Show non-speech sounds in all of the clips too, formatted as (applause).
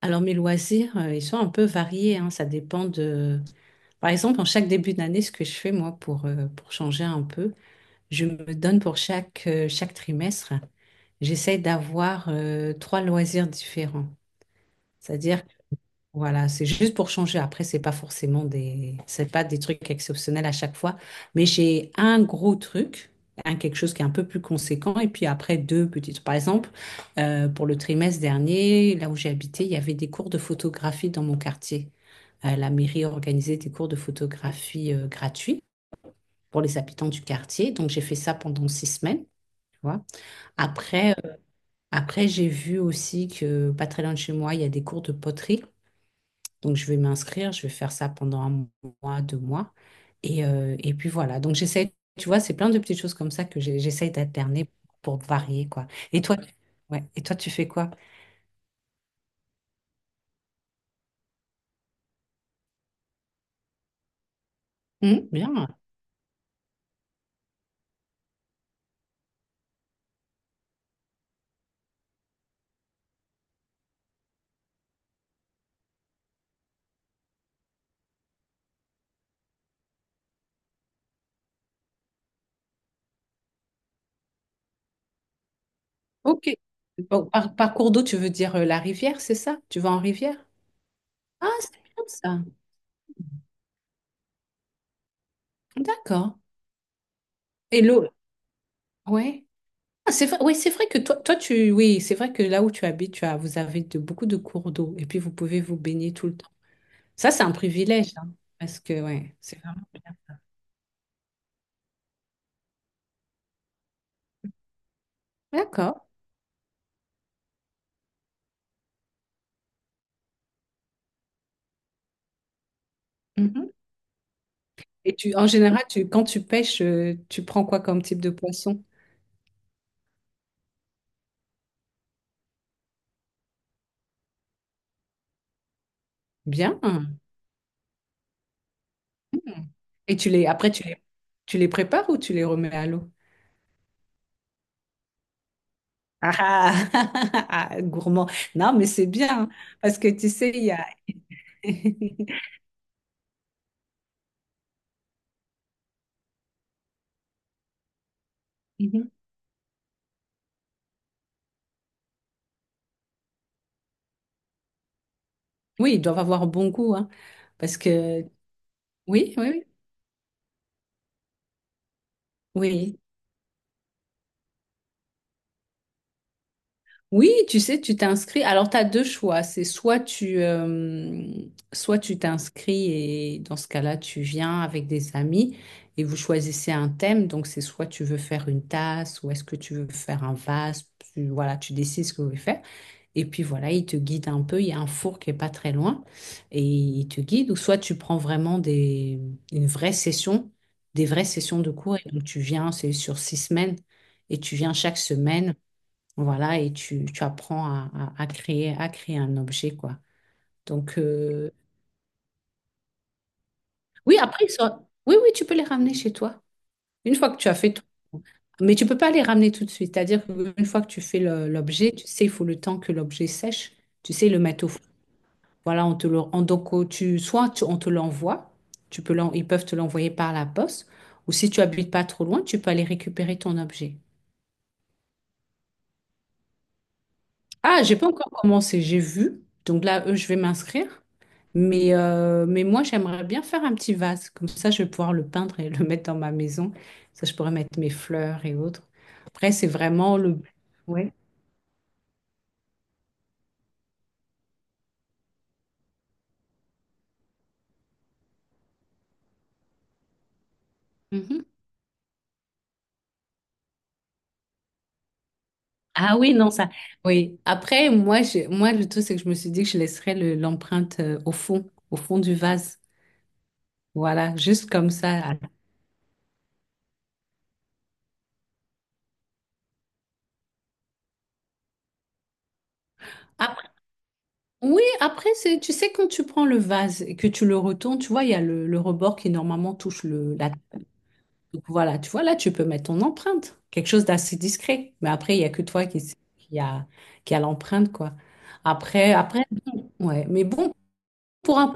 Alors mes loisirs, ils sont un peu variés, hein, ça dépend Par exemple, en chaque début d'année, ce que je fais moi pour changer un peu, je me donne pour chaque trimestre, j'essaie d'avoir trois loisirs différents. C'est-à-dire voilà, c'est juste pour changer. Après, c'est pas forcément des, c'est pas des trucs exceptionnels à chaque fois. Mais j'ai un gros truc, un quelque chose qui est un peu plus conséquent, et puis après deux petites. Par exemple, pour le trimestre dernier, là où j'ai habité, il y avait des cours de photographie dans mon quartier. La mairie organisait des cours de photographie gratuits pour les habitants du quartier. Donc j'ai fait ça pendant 6 semaines. Tu vois. Après, euh, après j'ai vu aussi que pas très loin de chez moi, il y a des cours de poterie. Donc, je vais m'inscrire, je vais faire ça pendant un mois, 2 mois. Et puis voilà. Donc, j'essaie, tu vois, c'est plein de petites choses comme ça que j'essaie d'alterner pour varier, quoi. Et toi, ouais. Et toi, tu fais quoi? Hmm, bien. Ok. Bon, par cours d'eau, tu veux dire la rivière, c'est ça? Tu vas en rivière? Ah, c'est bien ça. D'accord. Et l'eau, ouais. Ah, c'est vrai, ouais, c'est vrai que toi, toi, tu, oui, c'est vrai que là où tu habites, tu as, vous avez beaucoup de cours d'eau et puis vous pouvez vous baigner tout le temps. Ça, c'est un privilège, hein, parce que, ouais, c'est vraiment bien. D'accord. Mhm. Et tu, en général, tu, quand tu pêches, tu prends quoi comme type de poisson? Bien. Et tu les, après, tu les prépares ou tu les remets à l'eau? Ah, ah, (laughs) ah, gourmand. Non, mais c'est bien, hein, parce que tu sais, il y a... (laughs) Mhm. Oui, ils doivent avoir bon goût, hein, parce que... Oui, oui, oui. Oui. Oui, tu sais, tu t'inscris. Alors, tu as deux choix. C'est soit tu t'inscris et dans ce cas-là, tu viens avec des amis et vous choisissez un thème. Donc, c'est soit tu veux faire une tasse ou est-ce que tu veux faire un vase. Voilà, tu décides ce que vous voulez faire. Et puis, voilà, il te guide un peu. Il y a un four qui est pas très loin et il te guide. Ou soit tu prends vraiment des, une vraie session, des vraies sessions de cours. Et donc, tu viens, c'est sur 6 semaines et tu viens chaque semaine. Voilà, et tu apprends à, à créer un objet, quoi. Donc, oui, après, oui, oui, tu peux les ramener chez toi, une fois que tu as fait tout. Mais tu peux pas les ramener tout de suite. C'est-à-dire qu'une fois que tu fais l'objet, tu sais, il faut le temps que l'objet sèche. Tu sais, le mettre au four. Voilà, on te le, donc, on te l'envoie, tu peux ils peuvent te l'envoyer par la poste, ou si tu habites pas trop loin, tu peux aller récupérer ton objet. Ah, j'ai pas encore commencé, j'ai vu. Donc là, eux, je vais m'inscrire. Mais moi, j'aimerais bien faire un petit vase. Comme ça, je vais pouvoir le peindre et (laughs) le mettre dans ma maison. Ça, je pourrais mettre mes fleurs et autres. Après, c'est vraiment le... Ouais. Mhm. Ah oui, non, ça. Oui. Après, moi, moi, le truc, c'est que je me suis dit que je laisserais l'empreinte au fond du vase. Voilà, juste comme ça. Après- oui, après, c'est, tu sais, quand tu prends le vase et que tu le retournes, tu vois, il y a le rebord qui normalement touche le, la. Donc voilà, tu vois, là, tu peux mettre ton empreinte, quelque chose d'assez discret. Mais après, il n'y a que toi qui a, qui a l'empreinte, quoi. Après, ouais. Mais bon, pour un...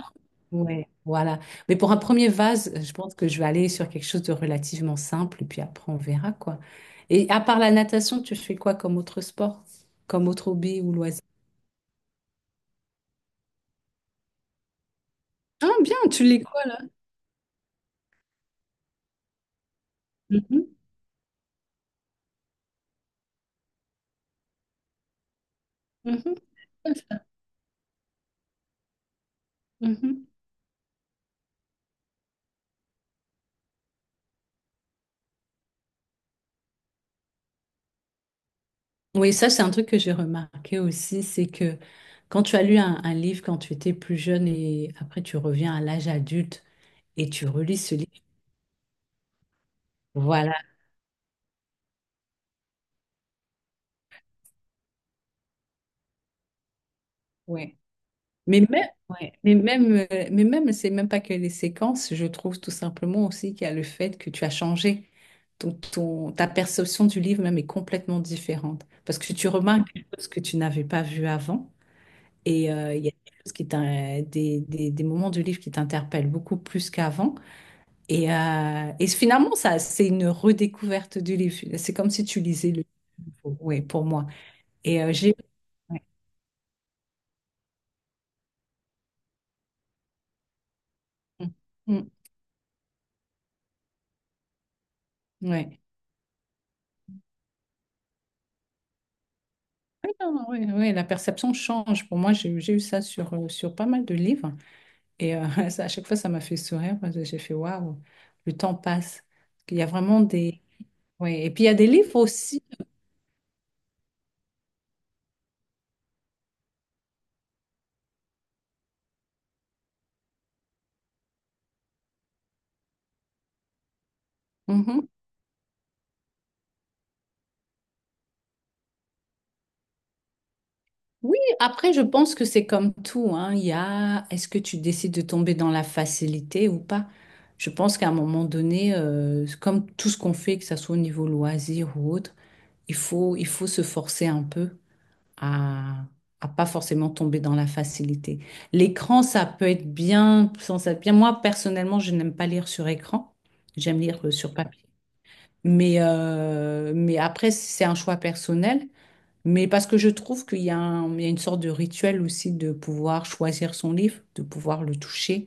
Ouais, voilà. Mais pour un premier vase, je pense que je vais aller sur quelque chose de relativement simple, et puis après, on verra, quoi. Et à part la natation, tu fais quoi comme autre sport? Comme autre hobby ou loisir? Ah, bien, tu lis quoi, là? Mhm, mhm, mhm. Oui, ça, c'est un truc que j'ai remarqué aussi, c'est que quand tu as lu un livre quand tu étais plus jeune et après tu reviens à l'âge adulte et tu relis ce livre, voilà. Ouais. Mais même, ouais, c'est même pas que les séquences, je trouve tout simplement aussi qu'il y a le fait que tu as changé. Donc, ton, ta perception du livre même est complètement différente parce que tu remarques des choses que tu n'avais pas vues avant et il y a des choses qui des moments du livre qui t'interpellent beaucoup plus qu'avant. Et finalement, ça, c'est une redécouverte du livre. C'est comme si tu lisais le livre, ouais, pour moi. Et j'ai... Ouais. Mm, mm, ouais. Ouais, non, non, ouais, ouais, la perception change. Pour moi, j'ai eu ça sur pas mal de livres. Et (laughs) ça, à chaque fois, ça m'a fait sourire parce que j'ai fait, waouh, le temps passe. Il y a vraiment des... Ouais. Et puis, il y a des livres aussi. Hum, hum. Oui, après, je pense que c'est comme tout, hein. Il y a, est-ce que tu décides de tomber dans la facilité ou pas? Je pense qu'à un moment donné, comme tout ce qu'on fait, que ça soit au niveau loisir ou autre, il faut se forcer un peu à, à pas forcément tomber dans la facilité. L'écran, ça peut être bien, sans être bien. Moi, personnellement, je n'aime pas lire sur écran. J'aime lire sur papier. Mais après, c'est un choix personnel. Mais parce que je trouve qu'il y a il y a une sorte de rituel aussi de pouvoir choisir son livre, de pouvoir le toucher,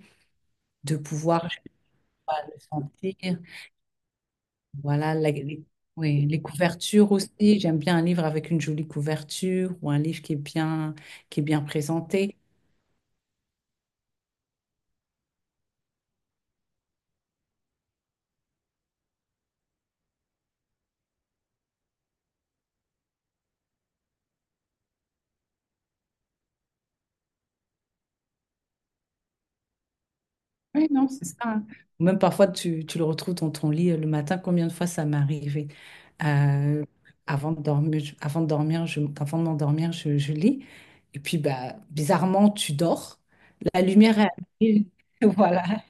de pouvoir, je sais pas, le sentir. Voilà, les, oui, les couvertures aussi. J'aime bien un livre avec une jolie couverture ou un livre qui est bien présenté. Oui, non, c'est ça, hein. Même parfois, tu le retrouves dans ton lit le matin. Combien de fois ça m'est arrivé? Euh, avant de dormir, avant de dormir, je, avant de m'endormir, je lis. Et puis, bah, bizarrement, tu dors. La lumière est allumée. (laughs) Voilà.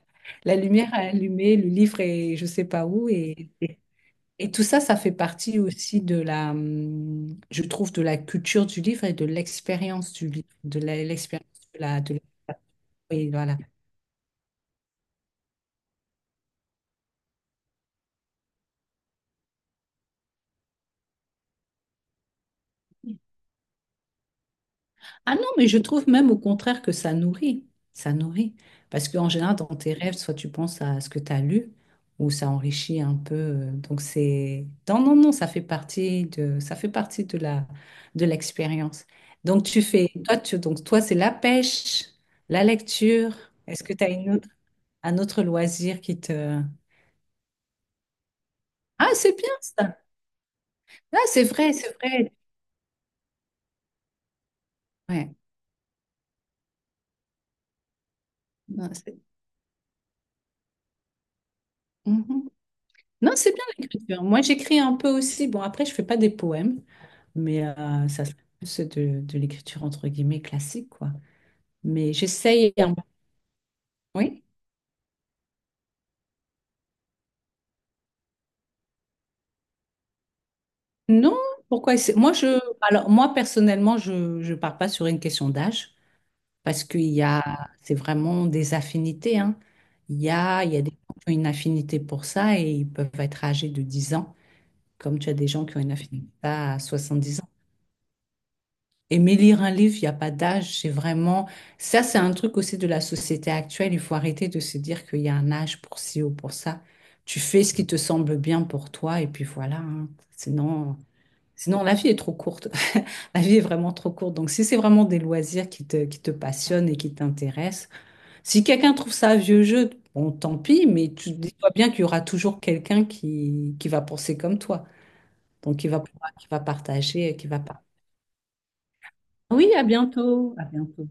La lumière est allumée, le livre est je sais pas où. Et tout ça, ça fait partie aussi de la, je trouve, de la culture du livre et de l'expérience du livre, de la- l'expérience de la, oui, voilà. Ah non, mais je trouve même au contraire que ça nourrit. Ça nourrit. Parce qu'en général, dans tes rêves, soit tu penses à ce que tu as lu, ou ça enrichit un peu. Donc c'est... Non, non, non, ça fait partie de, ça fait partie de la, de l'expérience. Donc tu fais... Toi, tu... Donc, toi, c'est la pêche, la lecture. Est-ce que tu as une autre... un autre loisir qui te... Ah, c'est bien ça. Ah, c'est vrai, c'est vrai. Ouais. Non, c'est. Mhm. Non, c'est bien l'écriture. Moi, j'écris un peu aussi. Bon, après, je fais pas des poèmes. Mais ça se plus de, l'écriture entre guillemets classique, quoi. Mais j'essaye. Oui? Non? Pourquoi essayer? Moi, je, alors, moi, personnellement, je ne pars pas sur une question d'âge parce qu'il y a, c'est vraiment des affinités, hein. Il y a des gens qui ont une affinité pour ça et ils peuvent être âgés de 10 ans, comme tu as des gens qui ont une affinité à 70. Aimer lire un livre, il n'y a pas d'âge, c'est vraiment... Ça, c'est un truc aussi de la société actuelle. Il faut arrêter de se dire qu'il y a un âge pour ci ou pour ça. Tu fais ce qui te semble bien pour toi et puis voilà, hein. Sinon, la vie est trop courte. (laughs) La vie est vraiment trop courte. Donc, si c'est vraiment des loisirs qui te passionnent et qui t'intéressent, si quelqu'un trouve ça un vieux jeu, bon, tant pis, mais tu dis-toi bien qu'il y aura toujours quelqu'un qui va penser comme toi. Donc, qui va, qui va partager. Oui, à bientôt. À bientôt.